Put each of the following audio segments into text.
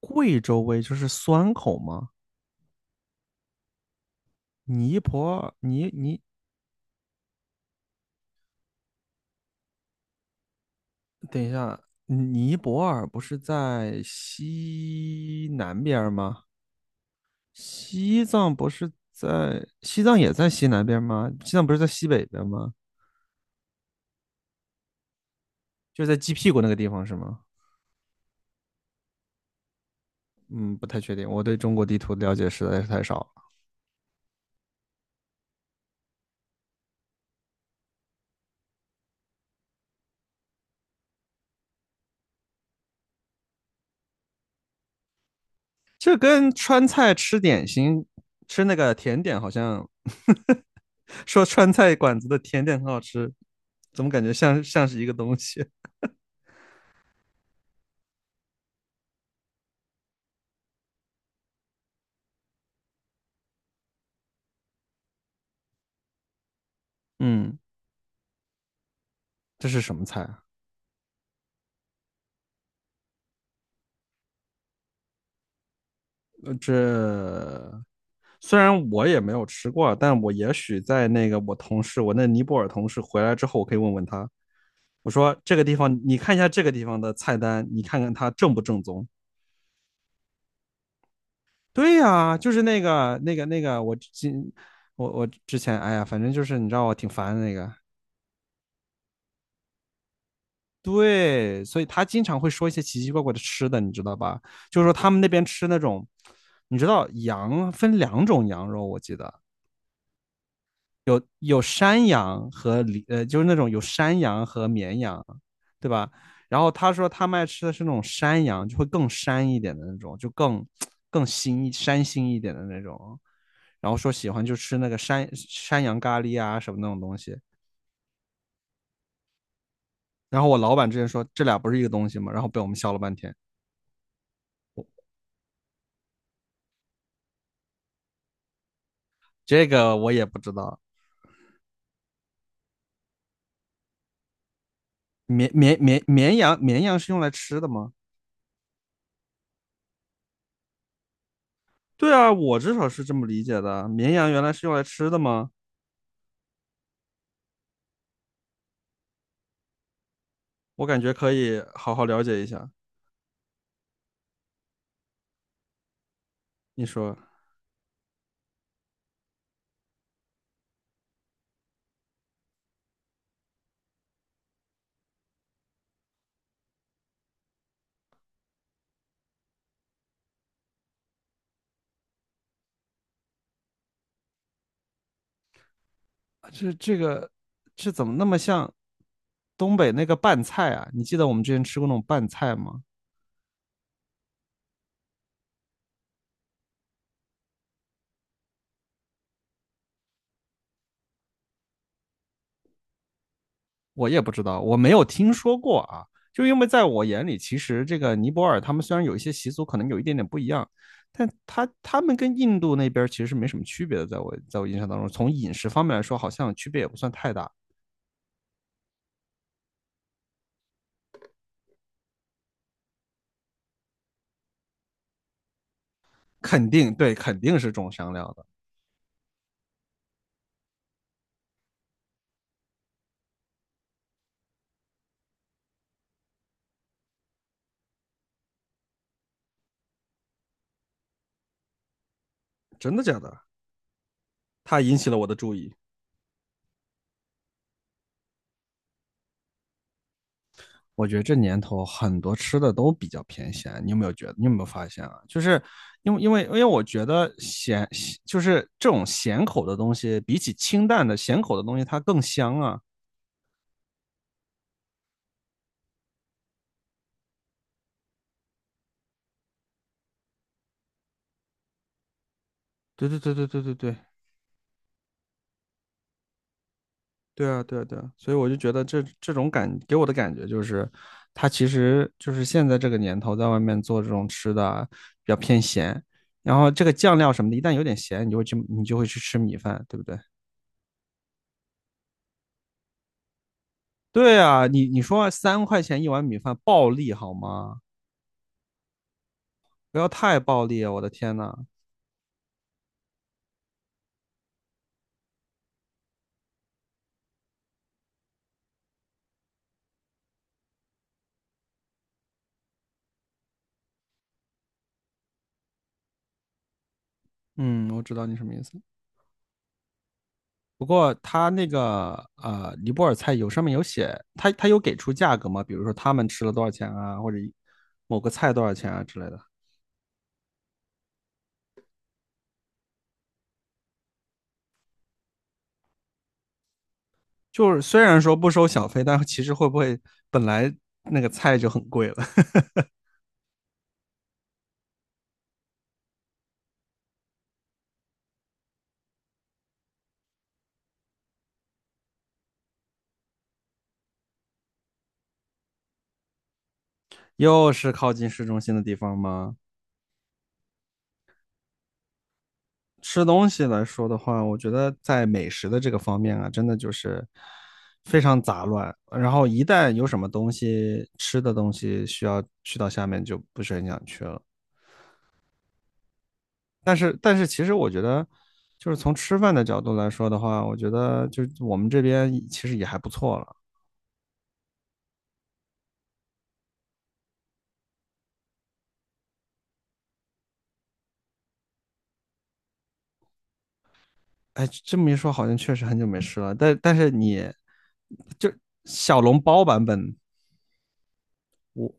贵州味就是酸口吗？尼泊尔，等一下，尼泊尔不是在西南边吗？西藏不是在，西藏也在西南边吗？西藏不是在西北边吗？就是在鸡屁股那个地方是吗？嗯，不太确定，我对中国地图了解实在是太少了。这跟川菜吃点心、吃那个甜点好像，说川菜馆子的甜点很好吃，怎么感觉像是一个东西？嗯，这是什么菜啊？呃这虽然我也没有吃过，但我也许在那个我同事，我那尼泊尔同事回来之后，我可以问问他，我说这个地方，你看一下这个地方的菜单，你看看它正不正宗。对呀，就是那个，我之前，哎呀，反正就是你知道我挺烦的那个。对，所以他经常会说一些奇奇怪怪的吃的，你知道吧？就是说他们那边吃那种，你知道羊分2种羊肉，我记得。有有山羊和呃，就是那种有山羊和绵羊，对吧？然后他说他们爱吃的是那种山羊，就会更膻一点的那种，就更膻腥一点的那种。然后说喜欢就吃那个山羊咖喱啊什么那种东西。然后我老板之前说这俩不是一个东西吗？然后被我们笑了半天。这个我也不知道，绵羊是用来吃的吗？对啊，我至少是这么理解的。绵羊原来是用来吃的吗？我感觉可以好好了解一下。你说这这个这怎么那么像东北那个拌菜啊？你记得我们之前吃过那种拌菜吗？我也不知道，我没有听说过啊。就因为在我眼里，其实这个尼泊尔他们虽然有一些习俗可能有一点点不一样，但他们跟印度那边其实是没什么区别的。在我印象当中，从饮食方面来说，好像区别也不算太大。肯定对，肯定是中香料的，真的假的？它引起了我的注意。我觉得这年头很多吃的都比较偏咸，你有没有觉得？你有没有发现啊？就是因为我觉得咸就是这种咸口的东西，比起清淡的咸口的东西，它更香啊！对对对对对对对对啊对啊对啊！所以我就觉得这种给我的感觉就是，它其实就是现在这个年头在外面做这种吃的啊比较偏咸，然后这个酱料什么的，一旦有点咸，你就会去吃米饭，对不对？对啊，你说3块钱一碗米饭暴利好吗？不要太暴利啊，我的天呐。嗯，我知道你什么意思。不过他那个尼泊尔菜有上面有写，他有给出价格吗？比如说他们吃了多少钱啊，或者某个菜多少钱啊之类的。就是虽然说不收小费，但其实会不会本来那个菜就很贵了？又是靠近市中心的地方吗？吃东西来说的话，我觉得在美食的这个方面啊，真的就是非常杂乱。然后一旦有什么东西吃的东西需要去到下面，就不是很想去了。但是，其实我觉得，就是从吃饭的角度来说的话，我觉得就我们这边其实也还不错了。哎，这么一说，好像确实很久没吃了。但是你就小笼包版本，我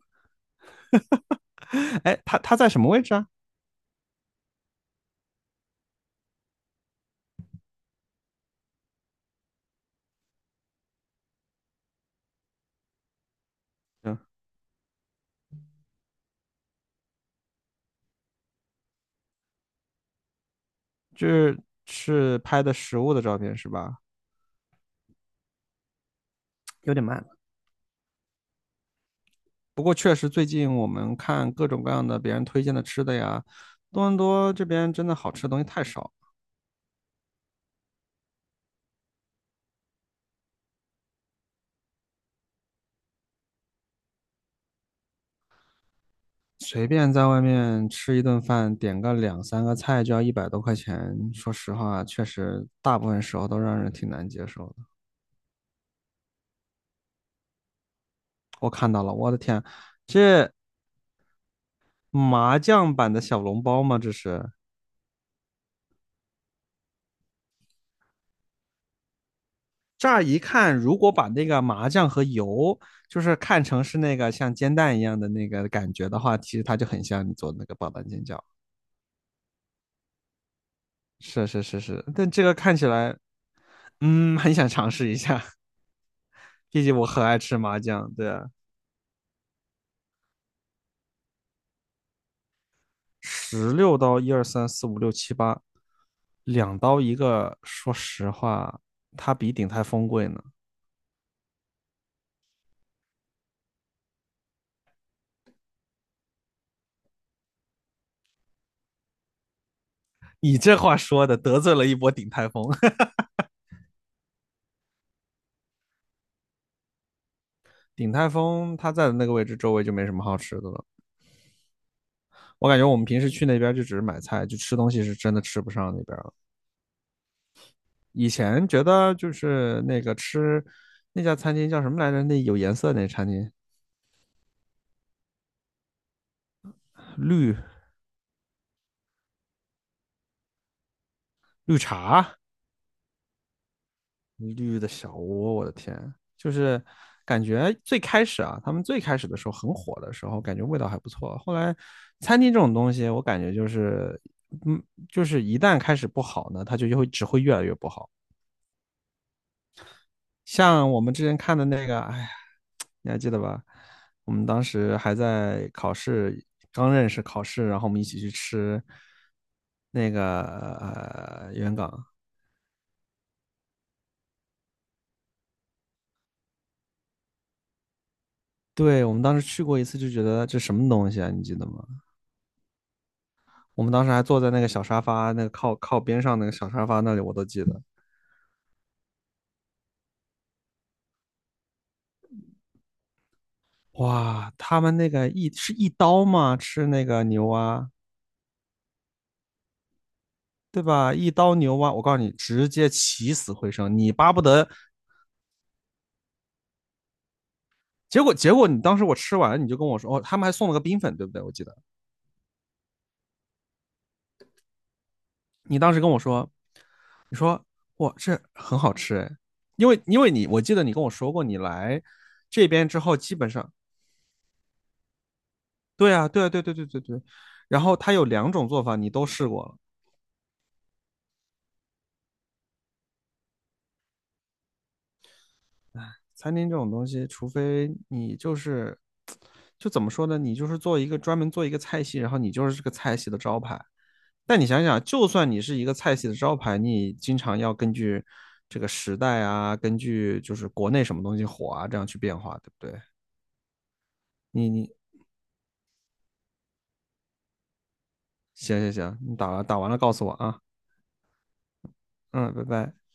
哎，它在什么位置啊？嗯，就是是拍的食物的照片是吧？有点慢。不过确实最近我们看各种各样的别人推荐的吃的呀，多伦多这边真的好吃的东西太少，随便在外面吃一顿饭，点个两三个菜就要100多块钱。说实话，确实大部分时候都让人挺难接受的。我看到了，我的天，这麻酱版的小笼包吗？这是。乍一看，如果把那个麻酱和油，就是看成是那个像煎蛋一样的那个感觉的话，其实它就很像你做的那个爆蛋煎饺。是是是是，但这个看起来，很想尝试一下，毕竟我很爱吃麻酱。对啊，16刀，一二三四五六七八，2刀一个。说实话，它比鼎泰丰贵呢。你这话说的得罪了一波鼎泰丰，鼎泰丰它在的那个位置周围就没什么好吃的了。我感觉我们平时去那边就只是买菜，就吃东西是真的吃不上那边了。以前觉得就是那个那家餐厅叫什么来着？那有颜色那餐厅。绿绿茶，绿的小窝，我的天，就是感觉最开始啊，他们最开始的时候很火的时候，感觉味道还不错。后来餐厅这种东西，我感觉就是，嗯，就是一旦开始不好呢，它只会越来越不好。像我们之前看的那个，哎呀，你还记得吧？我们当时还在考试，刚认识考试，然后我们一起去吃那个元港对，我们当时去过一次，就觉得这什么东西啊？你记得吗？我们当时还坐在那个小沙发，那个靠边上那个小沙发那里，我都记得。哇，他们那个是一刀吗？吃那个牛蛙，对吧？一刀牛蛙，我告诉你，直接起死回生，你巴不得。结果你当时我吃完，你就跟我说，哦，他们还送了个冰粉，对不对？我记得你当时跟我说，你说哇，这很好吃哎，因为我记得你跟我说过，你来这边之后，基本上对啊，对啊，对对对对对。然后它有2种做法，你都试过了。餐厅这种东西，除非你就是，就怎么说呢？你就是做一个专门做一个菜系，然后你就是这个菜系的招牌。但你想想，就算你是一个菜系的招牌，你经常要根据这个时代啊，根据就是国内什么东西火啊，这样去变化，对不对？你行行行，你打完了告诉我啊，嗯，拜拜。